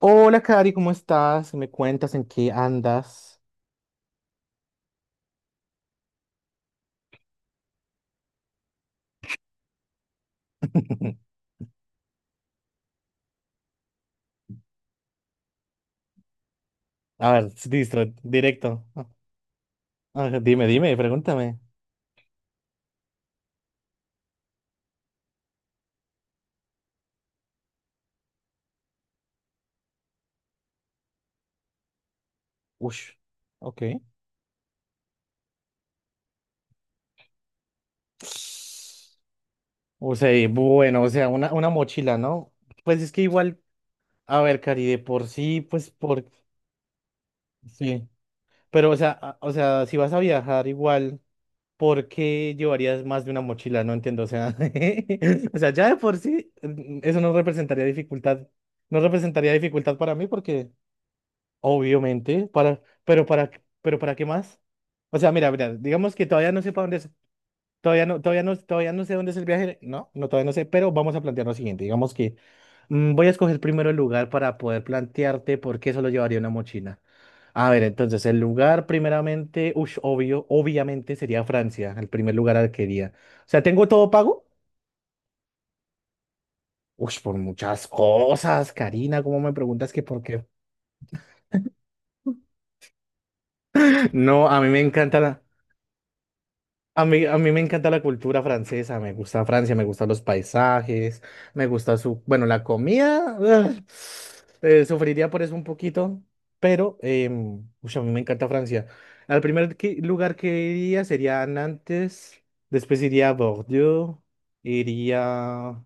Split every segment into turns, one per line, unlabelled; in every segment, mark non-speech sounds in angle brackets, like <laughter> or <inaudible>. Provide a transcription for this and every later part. Hola, Cari, ¿cómo estás? ¿Me cuentas en qué andas? <laughs> A ver, listo, directo. A ver, dime, dime, pregúntame. Ush, ok. O sea, y bueno, o sea, una mochila, ¿no? Pues es que igual, a ver, Cari, de por sí, pues por... Sí, pero o sea, o sea, si vas a viajar igual, ¿por qué llevarías más de una mochila? No entiendo, o sea, <laughs> o sea, ya de por sí, eso no representaría dificultad, no representaría dificultad para mí porque... Obviamente, para, pero para, ¿pero para qué más? O sea, mira, mira, digamos que todavía no sé para dónde es, todavía no, todavía no, todavía no sé dónde es el viaje, no, no, todavía no sé, pero vamos a plantear lo siguiente, digamos que voy a escoger primero el lugar para poder plantearte por qué solo llevaría una mochila. A ver, entonces, el lugar primeramente, ush, obvio, obviamente sería Francia, el primer lugar al que iría. O sea, ¿tengo todo pago? Ush, por muchas cosas, Karina, ¿cómo me preguntas que por qué? <laughs> No, a mí me encanta. A mí me encanta la cultura francesa, me gusta Francia, me gustan los paisajes, me gusta su, bueno, la comida, ugh, sufriría por eso un poquito, pero ush, a mí me encanta Francia. Al lugar que iría sería Nantes, después iría a Bordeaux, iría,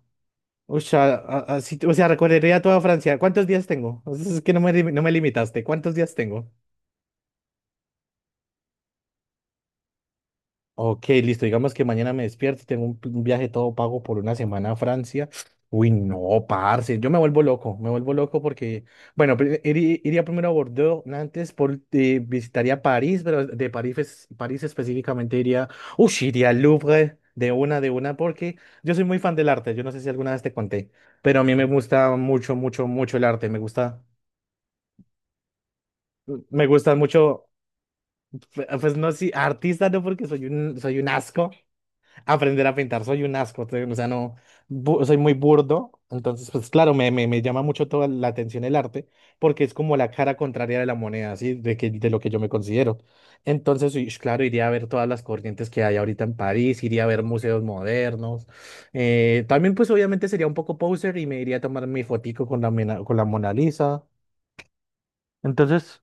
ush, o sea, recorrería toda Francia. ¿Cuántos días tengo? <laughs> Es que no me, no me limitaste, ¿cuántos días tengo? Ok, listo. Digamos que mañana me despierto y tengo un viaje todo pago por una semana a Francia. Uy, no, parce. Yo me vuelvo loco. Me vuelvo loco porque, bueno, iría primero a Bordeaux, Nantes, por, visitaría París, pero de París, París específicamente iría, uy, iría al Louvre de una, porque yo soy muy fan del arte. Yo no sé si alguna vez te conté, pero a mí me gusta mucho, mucho, mucho el arte. Me gusta mucho, pues no, sí, artista no, porque soy un asco. Aprender a pintar. Soy un asco, o sea, no, soy muy burdo. Entonces, pues claro, me llama mucho toda la atención el arte porque es como la cara contraria de la moneda, así. De que, de lo que yo me considero. Entonces, uy, claro, iría a ver todas las corrientes que hay ahorita en París, iría a ver museos modernos. También, pues obviamente sería un poco poser y me iría a tomar mi fotico con la, con la Mona Lisa. Entonces...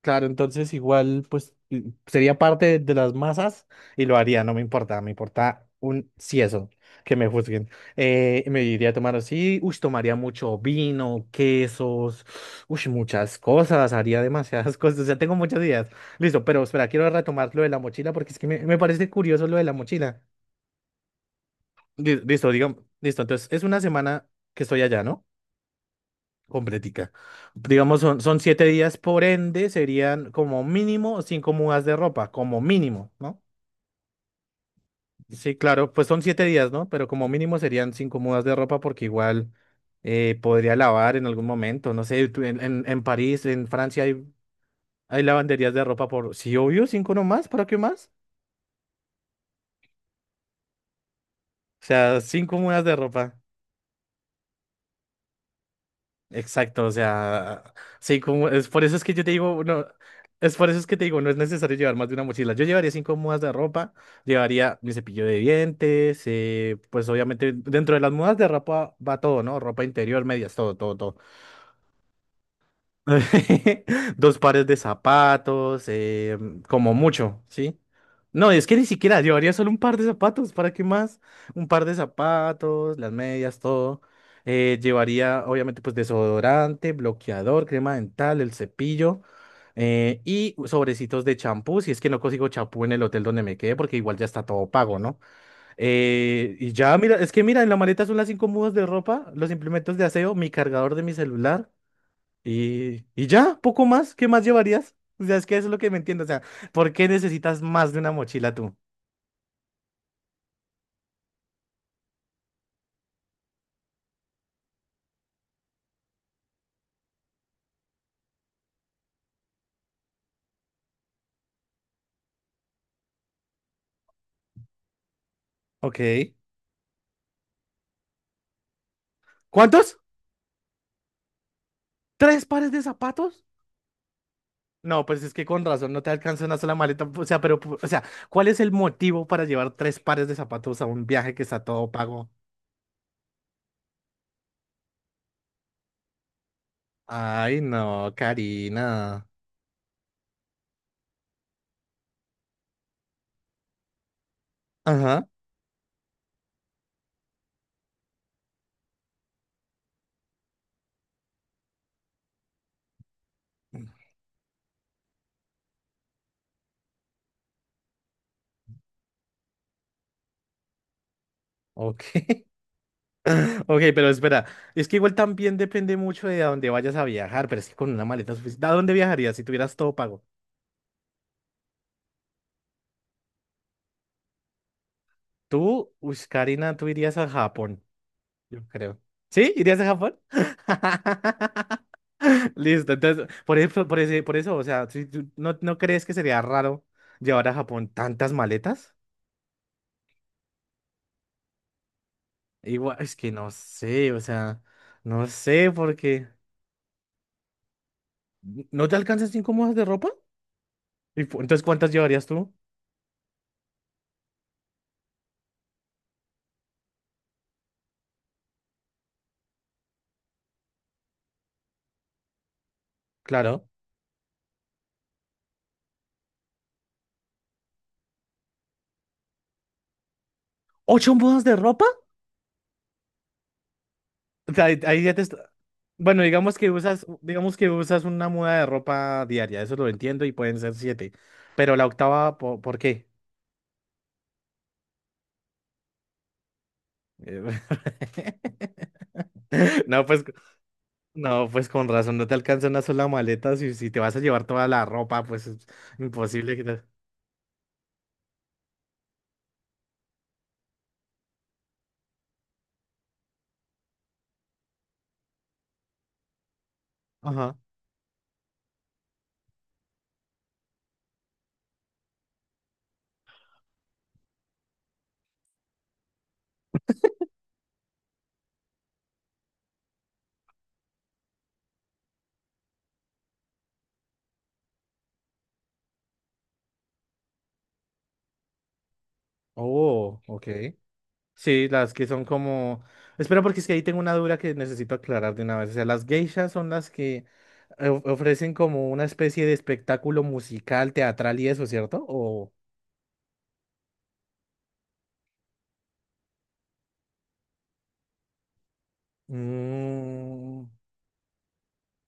Claro, entonces igual pues sería parte de las masas y lo haría, no me importa, me importa un eso, que me juzguen. Me iría a tomar así, uy, tomaría mucho vino, quesos, uy, muchas cosas, haría demasiadas <laughs> cosas, o sea, tengo muchas ideas. Listo, pero espera, quiero retomar lo de la mochila porque es que me parece curioso lo de la mochila. Listo, digamos, listo, entonces es una semana que estoy allá, ¿no? Completica. Digamos, son, son 7 días, por ende, serían como mínimo 5 mudas de ropa, como mínimo, ¿no? Sí, claro, pues son 7 días, ¿no? Pero como mínimo serían 5 mudas de ropa porque igual podría lavar en algún momento, no sé, tú en París, en Francia hay, hay lavanderías de ropa por, sí, obvio, 5 nomás, ¿para qué más? O sea, 5 mudas de ropa. Exacto, o sea, sí, como es por eso es que yo te digo, no, es por eso es que te digo, no es necesario llevar más de una mochila. Yo llevaría 5 mudas de ropa, llevaría mi cepillo de dientes, pues obviamente dentro de las mudas de ropa va todo, ¿no? Ropa interior, medias, todo, todo, todo. <laughs> 2 pares de zapatos, como mucho, ¿sí? No, es que ni siquiera llevaría solo un par de zapatos, ¿para qué más? Un par de zapatos, las medias, todo. Llevaría, obviamente, pues desodorante, bloqueador, crema dental, el cepillo y sobrecitos de champú, si es que no consigo champú en el hotel donde me quede, porque igual ya está todo pago, ¿no? Y ya, mira, es que mira, en la maleta son las 5 mudas de ropa, los implementos de aseo, mi cargador de mi celular. Y ya, poco más, ¿qué más llevarías? O sea, es que eso es lo que me entiendo. O sea, ¿por qué necesitas más de una mochila tú? Ok. ¿Cuántos? ¿Tres pares de zapatos? No, pues es que con razón no te alcanza una sola maleta. O sea, pero, o sea, ¿cuál es el motivo para llevar 3 pares de zapatos a un viaje que está todo pago? Ay, no, Karina. Ajá. Ok, <laughs> ok, pero espera, es que igual también depende mucho de a dónde vayas a viajar, pero es que con una maleta suficiente, ¿a dónde viajarías si tuvieras todo pago? Tú, uy, Karina, tú irías a Japón, yo creo. ¿Sí? ¿Irías a Japón? <laughs> Listo, entonces, por eso, por eso, o sea, si ¿no, no crees que sería raro llevar a Japón tantas maletas? Igual, es que no sé, o sea, no sé, porque ¿no te alcanzan 5 mudas de ropa? Y entonces, ¿cuántas llevarías tú? Claro. ¿8 mudas de ropa? O sea, ahí, ahí ya te Bueno, digamos que usas una muda de ropa diaria, eso lo entiendo y pueden ser siete. Pero la octava, ¿por qué? Eh, <laughs> No, pues, no, pues con razón, no te alcanza una sola maleta. Si, si te vas a llevar toda la ropa, pues es imposible que te... Ajá. Oh, ok. Sí, las que son como... Espera, porque es que ahí tengo una duda que necesito aclarar de una vez. O sea, las geishas son las que ofrecen como una especie de espectáculo musical, teatral y eso, ¿cierto? O... Mm,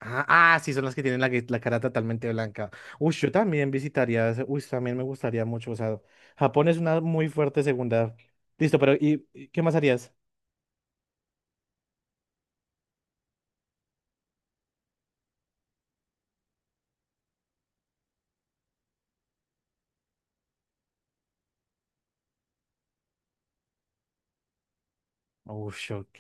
Ah, ah, sí, son las que tienen la, la cara totalmente blanca. Uy, yo también visitaría... Uy, también me gustaría mucho. O sea, Japón es una muy fuerte segunda. Listo, pero y qué más harías? Uy, ok.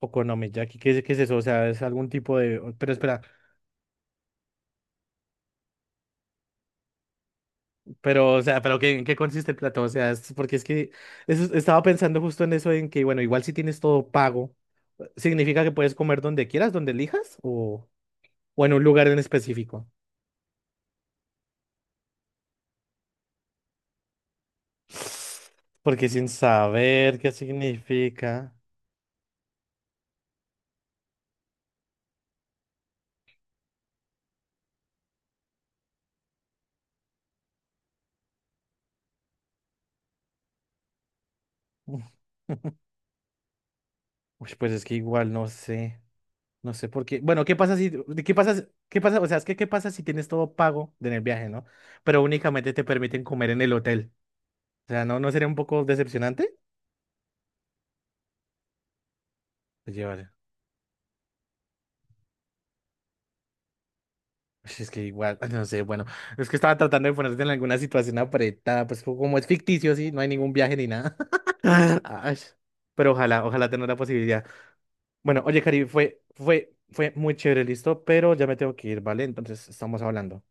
Okonomiyaki, qué es eso? O sea, es algún tipo de... Pero espera. Pero, o sea, pero ¿qué, en qué consiste el plato? O sea, es porque es que estaba pensando justo en eso, en que, bueno, igual si tienes todo pago, ¿significa que puedes comer donde quieras, donde elijas? O en un lugar en específico? Porque sin saber qué significa. Uy, pues es que igual no sé. No sé por qué. Bueno, ¿qué pasa si, de qué pasa, qué pasa, o sea, es que qué pasa si tienes todo pago en el viaje, ¿no? Pero únicamente te permiten comer en el hotel. O sea, ¿no, no sería un poco decepcionante? Llevar. Pues es que igual, <laughs> no sé, bueno, es que estaba tratando de ponerte en alguna situación apretada, pues como es ficticio, sí, no hay ningún viaje ni nada. <laughs> Ay, pero ojalá, ojalá tener la posibilidad. Bueno, oye, Cari, fue, fue, fue muy chévere, listo, pero ya me tengo que ir, ¿vale? Entonces estamos hablando.